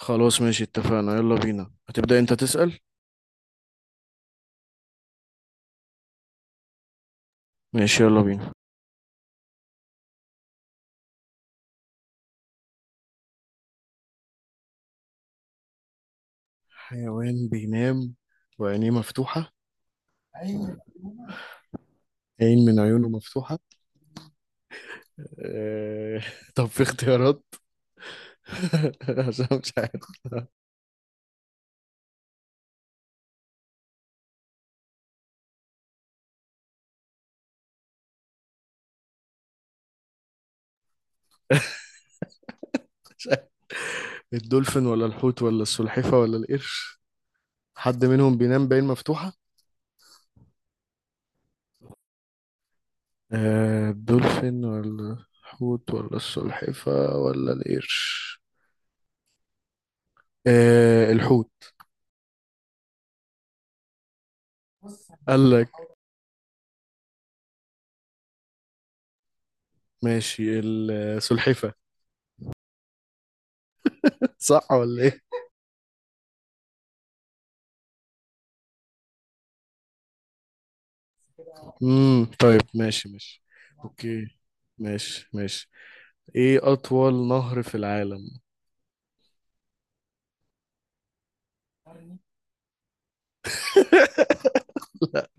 خلاص، ماشي، اتفقنا، يلا بينا، هتبدأ انت تسأل. ماشي، يلا بينا. حيوان بينام وعينيه مفتوحة؟ أيوة. عين من عيونه مفتوحة؟ اه... طب في اختيارات. عشان مش عارف. مش عارف. الدولفين ولا الحوت ولا السلحفة ولا القرش؟ حد منهم بينام بعين مفتوحة؟ اه... الدولفين ولا الحوت ولا السلحفة ولا القرش. اه... الحوت. بص قال لك. ماشي، السلحفة. صح ولا ايه؟ طيب، ماشي ماشي. اوكي، ماشي ماشي. ايه اطول نهر في العالم؟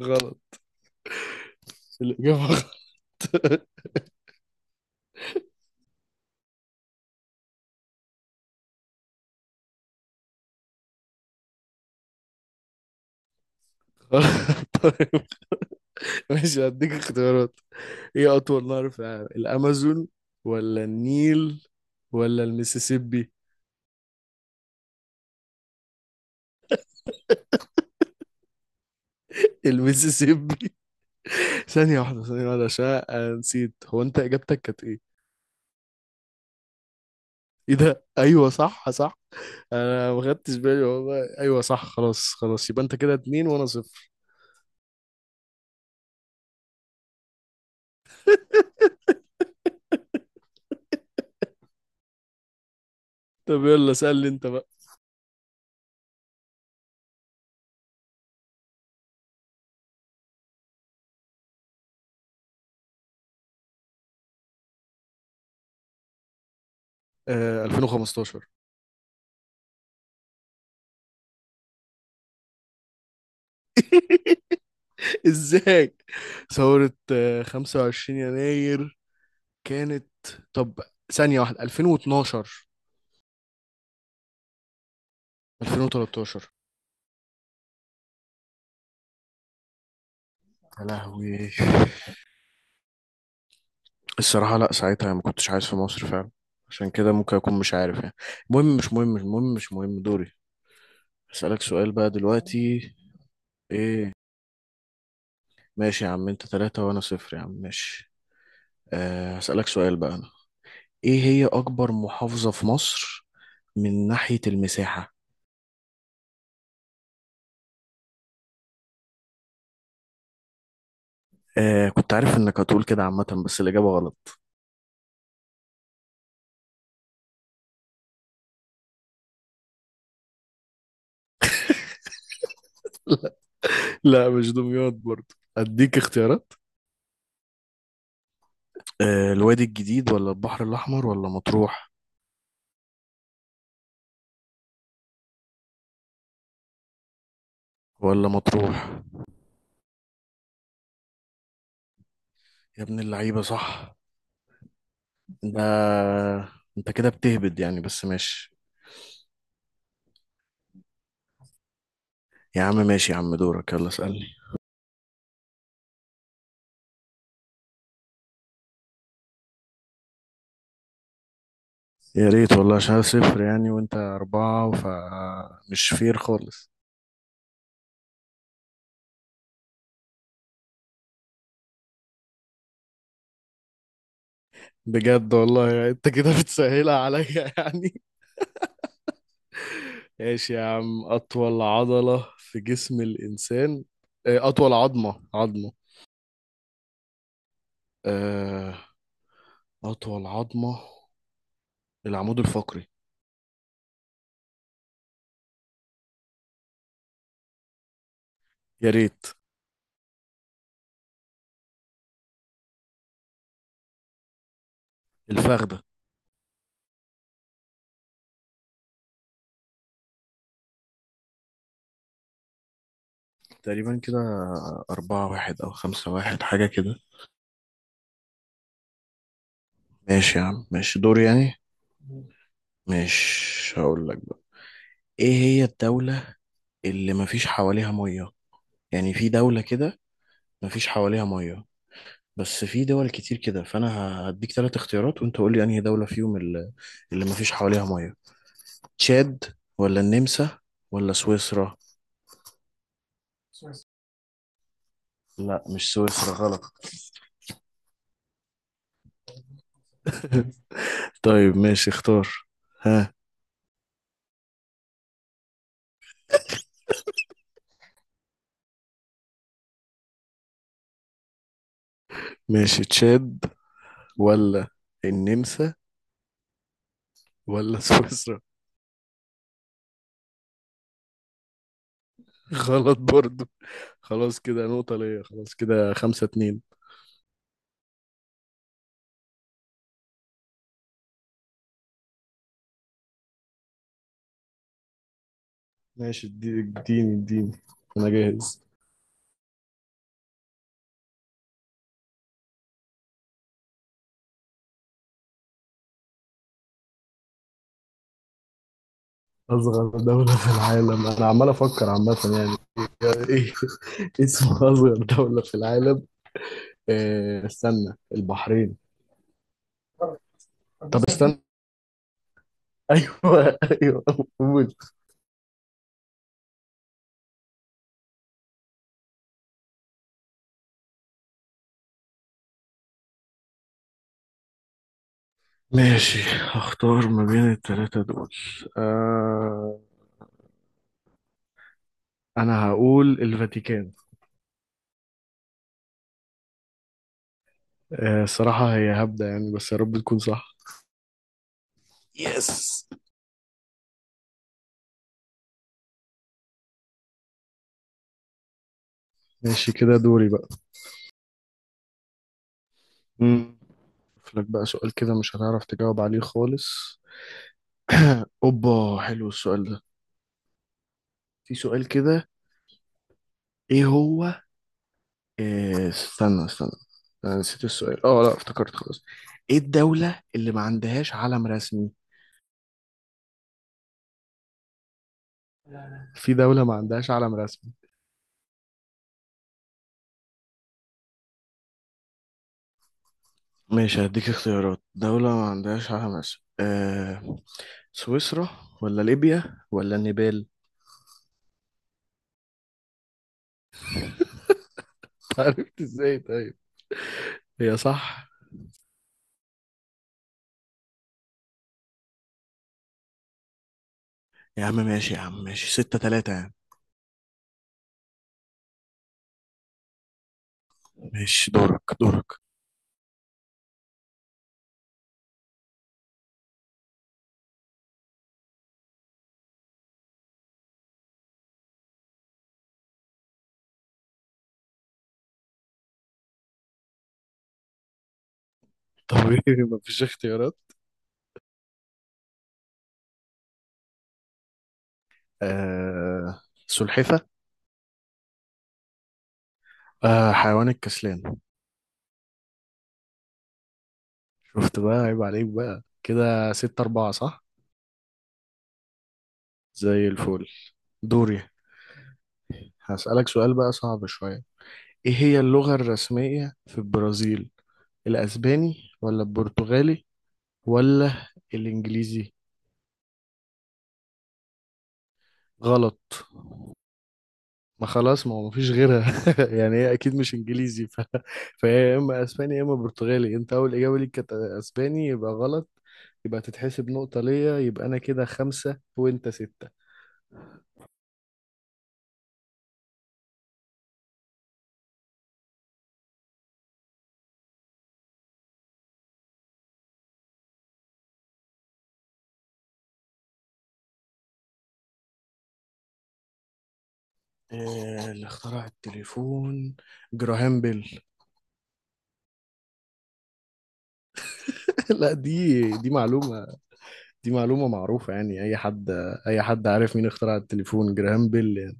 غلط. الاجابه. غلط. طيب ماشي، هديك اختيارات. ايه اطول نهر في العالم، الامازون ولا النيل ولا المسيسيبي؟ المسيسيبي. ثانيه واحده، ثانيه واحده، عشان أنا نسيت، هو انت اجابتك كانت ايه؟ ايه ده، ايوه صح، صح. انا ما خدتش بالي والله، ايوه صح. خلاص، خلاص، يبقى انت كده اتنين وانا صفر. طب يلا سألني انت بقى. 2015. ازاي؟ ثورة 25 يناير كانت. طب، ثانية واحدة، 2012. 2013. يا لهوي. الصراحة لا، ساعتها ما كنتش عايز في مصر فعلا. عشان كده ممكن أكون مش عارف يعني. المهم مش مهم، المهم مش مهم، دوري. أسألك سؤال بقى دلوقتي. إيه؟ ماشي يا عم، أنت ثلاثة وأنا صفر يا عم، ماشي. هسألك سؤال بقى أنا. إيه هي أكبر محافظة في مصر من ناحية المساحة؟ آه، كنت عارف انك هتقول كده عامة، بس الإجابة غلط. لا، مش دمياط برضه. اديك اختيارات. الوادي الجديد ولا البحر الأحمر ولا مطروح؟ ولا مطروح. يا ابن اللعيبة، صح. ده انت كده بتهبد يعني، بس ماشي. يا عم ماشي، يا عم دورك، يلا اسألني. يا ريت والله، عشان أنا صفر يعني وانت أربعة، فمش فير خالص. بجد والله يعني انت كده بتسهلها عليا يعني. ايش يا عم، اطول عضلة في جسم الانسان. اطول عظمة. آه، اطول عظمة. العمود الفقري. يا ريت. الفخدة. تقريبا كده. أربعة واحد أو خمسة واحد، حاجة كده. ماشي يا عم، ماشي، دور يعني. مش هقول لك بقى. إيه هي الدولة اللي مفيش حواليها مية؟ يعني في دولة كده مفيش حواليها مية. بس في دول كتير كده، فأنا هديك تلات اختيارات، وأنت قول لي أنهي دولة فيهم اللي مفيش حواليها مية. تشاد ولا النمسا ولا سويسرا؟ سويسرا. لا، مش سويسرا، غلط. طيب ماشي، اختار. ها. ماشي، تشاد ولا النمسا ولا سويسرا؟ غلط برضو. خلاص كده نقطة ليا، خلاص كده 5-2. ماشي، اديني اديني، انا جاهز. اصغر دولة في العالم، انا عمال افكر عامة يعني. إيه اسم اصغر دولة في العالم؟ استنى، البحرين. طب استنى. ايوه، ايوه، موت. ماشي، هختار ما بين التلاتة دول. آه أنا هقول الفاتيكان. الصراحة هي هبدة يعني، بس يا رب تكون صح. يس. ماشي كده، دوري بقى. مم. أشوف لك بقى سؤال كده مش هتعرف تجاوب عليه خالص. أوبا، حلو السؤال ده. في سؤال كده، إيه هو؟ استنى استنى. أنا نسيت السؤال، لا، افتكرت خلاص. إيه الدولة اللي ما عندهاش علم رسمي؟ في دولة ما عندهاش علم رسمي. ماشي، هديك اختيارات. دولة ما عندهاش حماس. سويسرا ولا ليبيا ولا النيبال؟ عرفت ازاي طيب؟ هي صح. يا عم ماشي، يا عم ماشي، 6-3 يعني. ماشي دورك، دورك. طب ايه، مفيش اختيارات؟ آه. سلحفة. آه، حيوان الكسلان. شفت بقى، عيب عليك بقى، كده 6-4. صح. زي الفل. دوري. هسألك سؤال بقى صعب شوية. ايه هي اللغة الرسمية في البرازيل، الأسباني ولا البرتغالي ولا الانجليزي؟ غلط. ما خلاص، ما هو مفيش غيرها يعني، هي اكيد مش انجليزي فهي يا اما اسباني يا اما برتغالي. انت اول اجابه ليك كانت اسباني، يبقى غلط. يبقى تتحسب نقطه ليا، يبقى انا كده خمسه وانت سته. آه، اللي اخترع التليفون، جراهام بيل. لا، دي معلومه. دي معلومه معروفه يعني، اي حد، اي حد عارف مين اخترع التليفون، جراهام بيل يعني.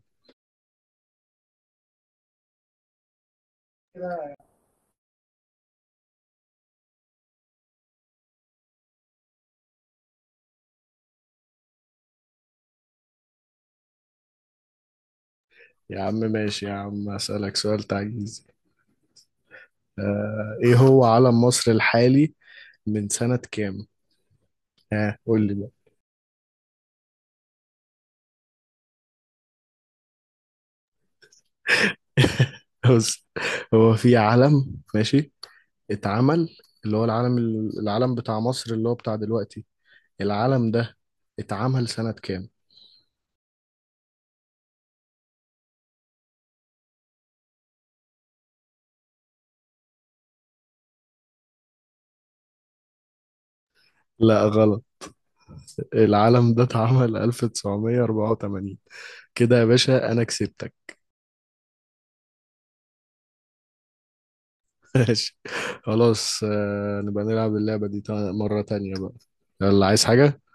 يا عم ماشي، يا عم، اسالك سؤال تعجيزي. آه، ايه هو علم مصر الحالي من سنة كام؟ ها قول لي بقى. بص، هو في علم ماشي، اتعمل، اللي هو العلم، العلم بتاع مصر اللي هو بتاع دلوقتي، العلم ده اتعمل سنة كام؟ لا غلط. العلم ده اتعمل 1984. كده يا باشا انا كسبتك. ماشي. خلاص، نبقى نلعب اللعبة دي مرة تانية بقى. يلا، عايز حاجة؟